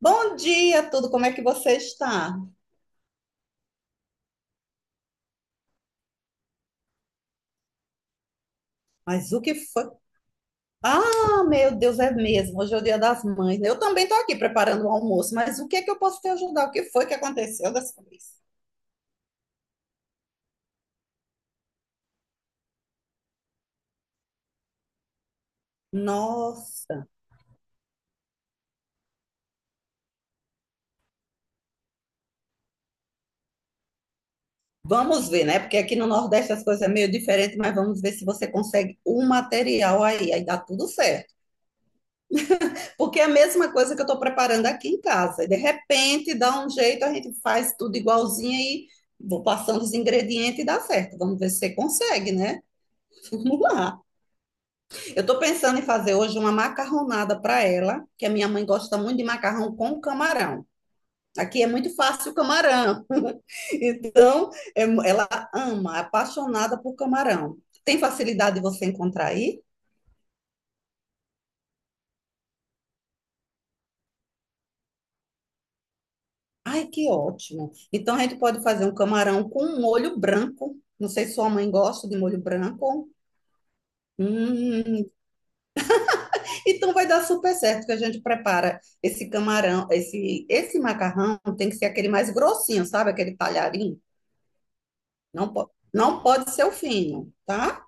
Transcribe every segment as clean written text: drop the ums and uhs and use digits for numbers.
Bom dia, tudo. Como é que você está? Mas o que foi? Ah, meu Deus, é mesmo. Hoje é o Dia das Mães. Né? Eu também estou aqui preparando o almoço, mas o que é que eu posso te ajudar? O que foi que aconteceu dessa vez? Nossa, vamos ver, né? Porque aqui no Nordeste as coisas é meio diferente, mas vamos ver se você consegue o material aí, dá tudo certo. Porque é a mesma coisa que eu estou preparando aqui em casa. E de repente dá um jeito, a gente faz tudo igualzinho e vou passando os ingredientes e dá certo. Vamos ver se você consegue, né? Vamos lá. Eu estou pensando em fazer hoje uma macarronada para ela, que a minha mãe gosta muito de macarrão com camarão. Aqui é muito fácil o camarão. Então, é- ela ama, é apaixonada por camarão. Tem facilidade de você encontrar aí? Ai, que ótimo. Então, a gente pode fazer um camarão com um molho branco. Não sei se sua mãe gosta de molho branco. Hum, então vai dar super certo que a gente prepara esse camarão, esse macarrão tem que ser aquele mais grossinho, sabe? Aquele talharinho. Não, não pode ser o fino, tá?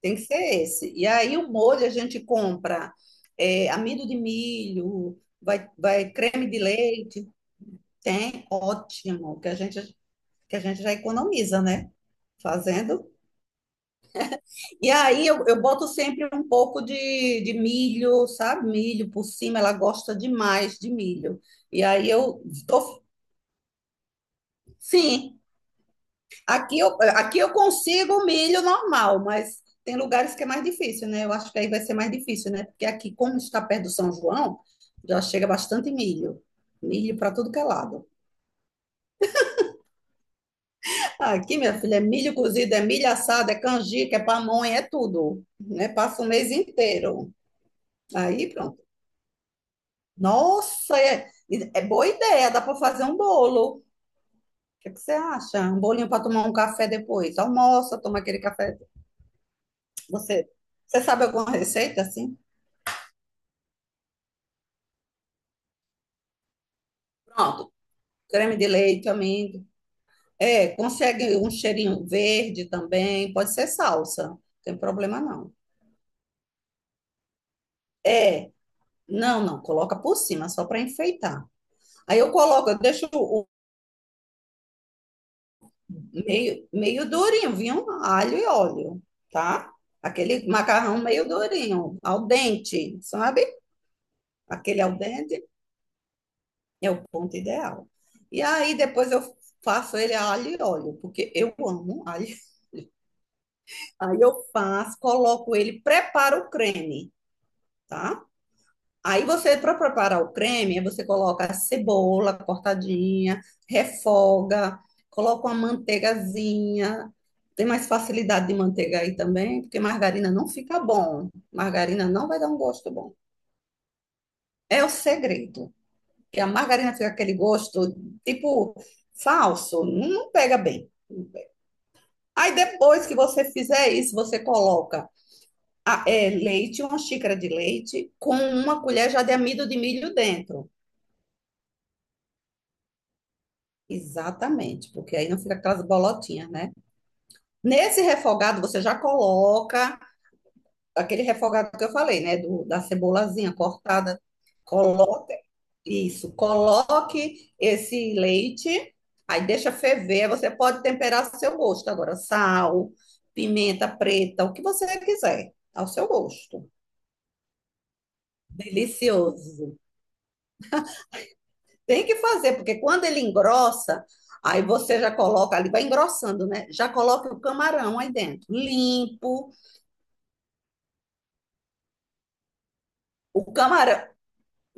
Tem que ser esse. E aí o molho a gente compra é, amido de milho, vai creme de leite, tem, ótimo, que a gente já economiza, né? Fazendo. E aí eu boto sempre um pouco de milho, sabe? Milho por cima, ela gosta demais de milho. E aí eu tô, sim. Aqui eu consigo milho normal, mas tem lugares que é mais difícil, né? Eu acho que aí vai ser mais difícil, né? Porque aqui, como está perto do São João, já chega bastante milho. Milho para tudo que é lado. Aqui, minha filha, é milho cozido, é milho assado, é canjica, é pamonha, é tudo, né? Passa o mês inteiro. Aí, pronto. Nossa, é, é boa ideia, dá para fazer um bolo. O que é que você acha? Um bolinho para tomar um café depois. Almoça, toma aquele café. Você, você sabe alguma receita assim? Pronto, creme de leite, amigo. É, consegue um cheirinho verde também, pode ser salsa, não tem problema não. É, não, não, coloca por cima, só para enfeitar. Aí eu coloco, eu deixo o meio durinho, vinho alho e óleo, tá? Aquele macarrão meio durinho, al dente, sabe? Aquele al dente é o ponto ideal. E aí depois eu faço ele a alho e óleo, porque eu amo alho. Aí eu faço, coloco ele, preparo o creme. Tá? Aí você, para preparar o creme, aí você coloca a cebola cortadinha, refoga, coloca uma manteigazinha. Tem mais facilidade de manteiga aí também, porque margarina não fica bom. Margarina não vai dar um gosto bom. É o segredo, que a margarina fica aquele gosto tipo falso, não pega bem. Aí depois que você fizer isso, você coloca é, leite, uma xícara de leite, com uma colher já de amido de milho dentro. Exatamente, porque aí não fica aquelas bolotinhas, né? Nesse refogado você já coloca aquele refogado que eu falei, né? Da cebolazinha cortada. Coloque isso, coloque esse leite, aí deixa ferver. Aí você pode temperar ao seu gosto agora, sal, pimenta preta, o que você quiser, ao seu gosto. Delicioso. Tem que fazer, porque quando ele engrossa, aí você já coloca ali, vai engrossando, né? Já coloca o camarão aí dentro, limpo. O camarão,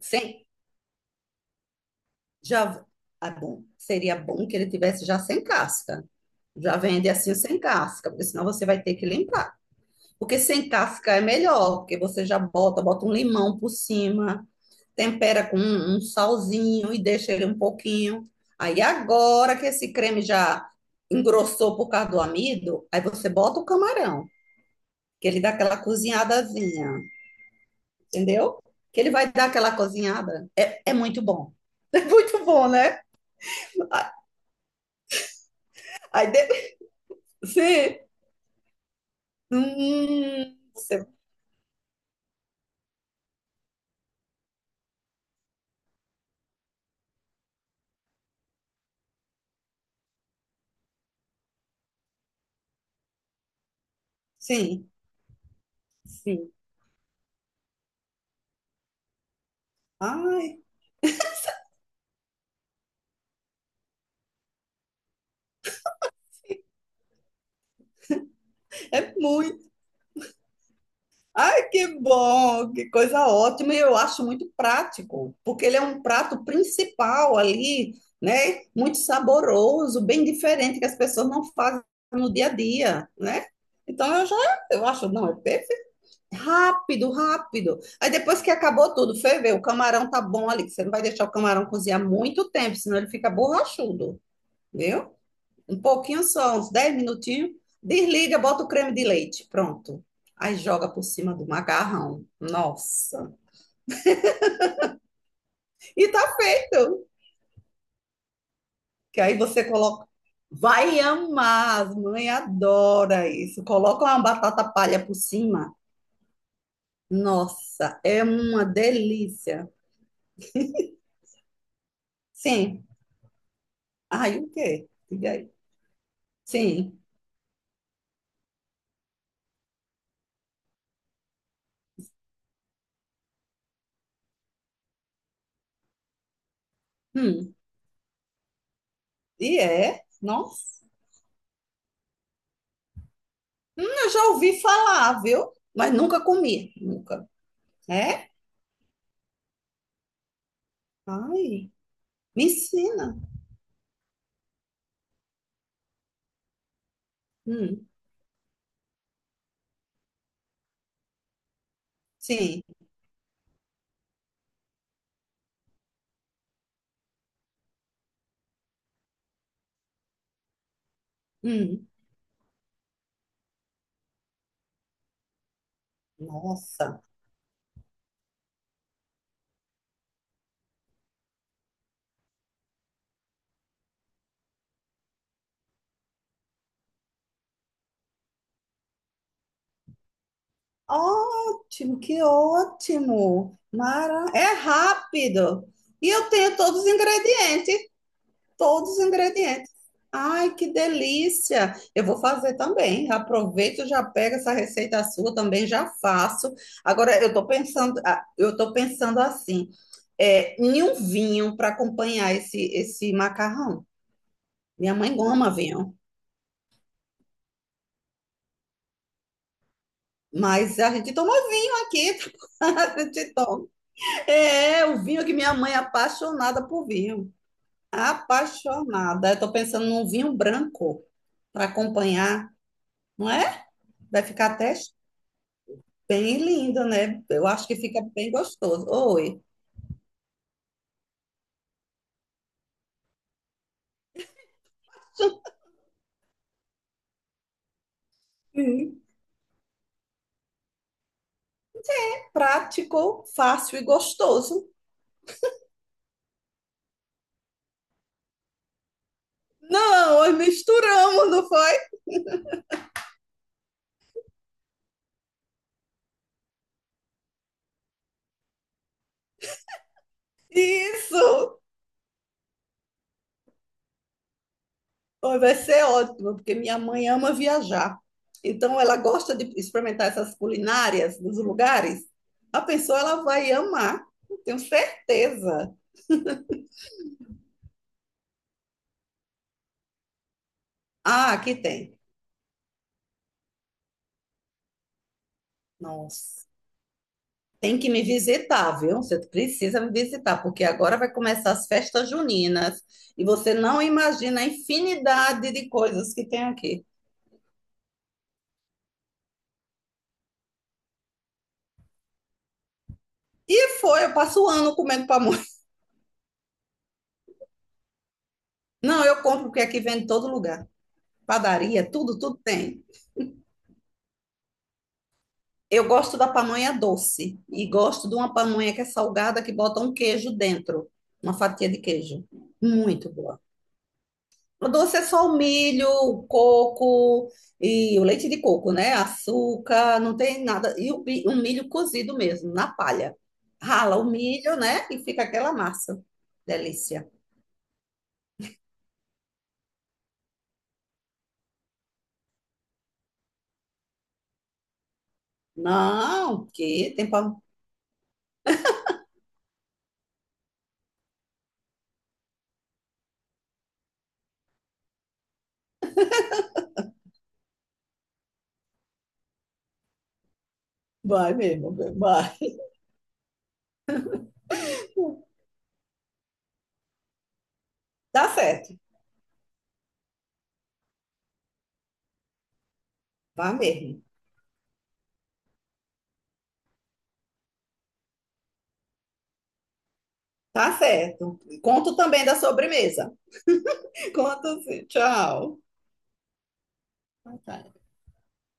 sem, já, ah, bom, seria bom que ele tivesse já sem casca. Já vende assim sem casca, porque senão você vai ter que limpar. Porque sem casca é melhor, porque você já bota, bota um limão por cima, tempera com um salzinho e deixa ele um pouquinho. Aí agora que esse creme já engrossou por causa do amido, aí você bota o camarão, que ele dá aquela cozinhadazinha, entendeu? Que ele vai dar aquela cozinhada. É, é muito bom. É muito bom, né? Aí de- Sim. Você- Sim, sim. Ai, é muito. Ai, que bom, que coisa ótima. E eu acho muito prático, porque ele é um prato principal ali, né? Muito saboroso, bem diferente que as pessoas não fazem no dia a dia, né? Então eu já, eu acho, não, é perfeito. Rápido, rápido. Aí depois que acabou tudo, foi ver, o camarão tá bom ali, que você não vai deixar o camarão cozinhar muito tempo, senão ele fica borrachudo, viu? Um pouquinho só, uns 10 minutinhos. Desliga, bota o creme de leite. Pronto. Aí joga por cima do macarrão. Nossa. E tá feito. Que aí você coloca. Vai amar, as mães adoram isso. Coloca uma batata palha por cima. Nossa, é uma delícia. Sim. Aí o quê? Diga aí. Sim. Hum. E é? Nossa. Eu já ouvi falar, viu? Mas nunca comi. Nunca. É? Ai. Me ensina. Hum, sim. Hum. Nossa. Ótimo, que ótimo. Mara... É rápido. E eu tenho todos os ingredientes, todos os ingredientes. Ai, que delícia. Eu vou fazer também. Aproveito, já pego essa receita sua também, já faço. Agora eu tô pensando, ah, eu tô pensando assim, é, em um vinho para acompanhar esse macarrão. Minha mãe goma vinho. Mas a gente toma vinho aqui, a gente toma. É, é o vinho que minha mãe é apaixonada por vinho. Apaixonada. Eu tô pensando num vinho branco para acompanhar, não é? Vai ficar até bem lindo, né? Eu acho que fica bem gostoso. Oi. Sim. Prático, fácil e gostoso. Não, nós misturamos, não foi? Isso! Pô, vai ser ótimo, porque minha mãe ama viajar. Então, ela gosta de experimentar essas culinárias dos lugares. A pessoa ela vai amar, eu tenho certeza. Ah, aqui tem. Nossa, tem que me visitar, viu? Você precisa me visitar, porque agora vai começar as festas juninas e você não imagina a infinidade de coisas que tem aqui. E foi, eu passo o ano comendo pamonha. Não, eu compro porque aqui vende em todo lugar. Padaria, tudo, tudo tem. Eu gosto da pamonha doce e gosto de uma pamonha que é salgada que bota um queijo dentro, uma fatia de queijo. Muito boa. O doce é só o milho, o coco e o leite de coco, né? Açúcar, não tem nada. E o, o milho cozido mesmo, na palha. Rala o milho, né? E fica aquela massa. Delícia. Não, que tem pa... Vai mesmo, vai. Tá certo, vai mesmo. Tá certo. Conto também da sobremesa. Conta assim, tchau. Ah, tá.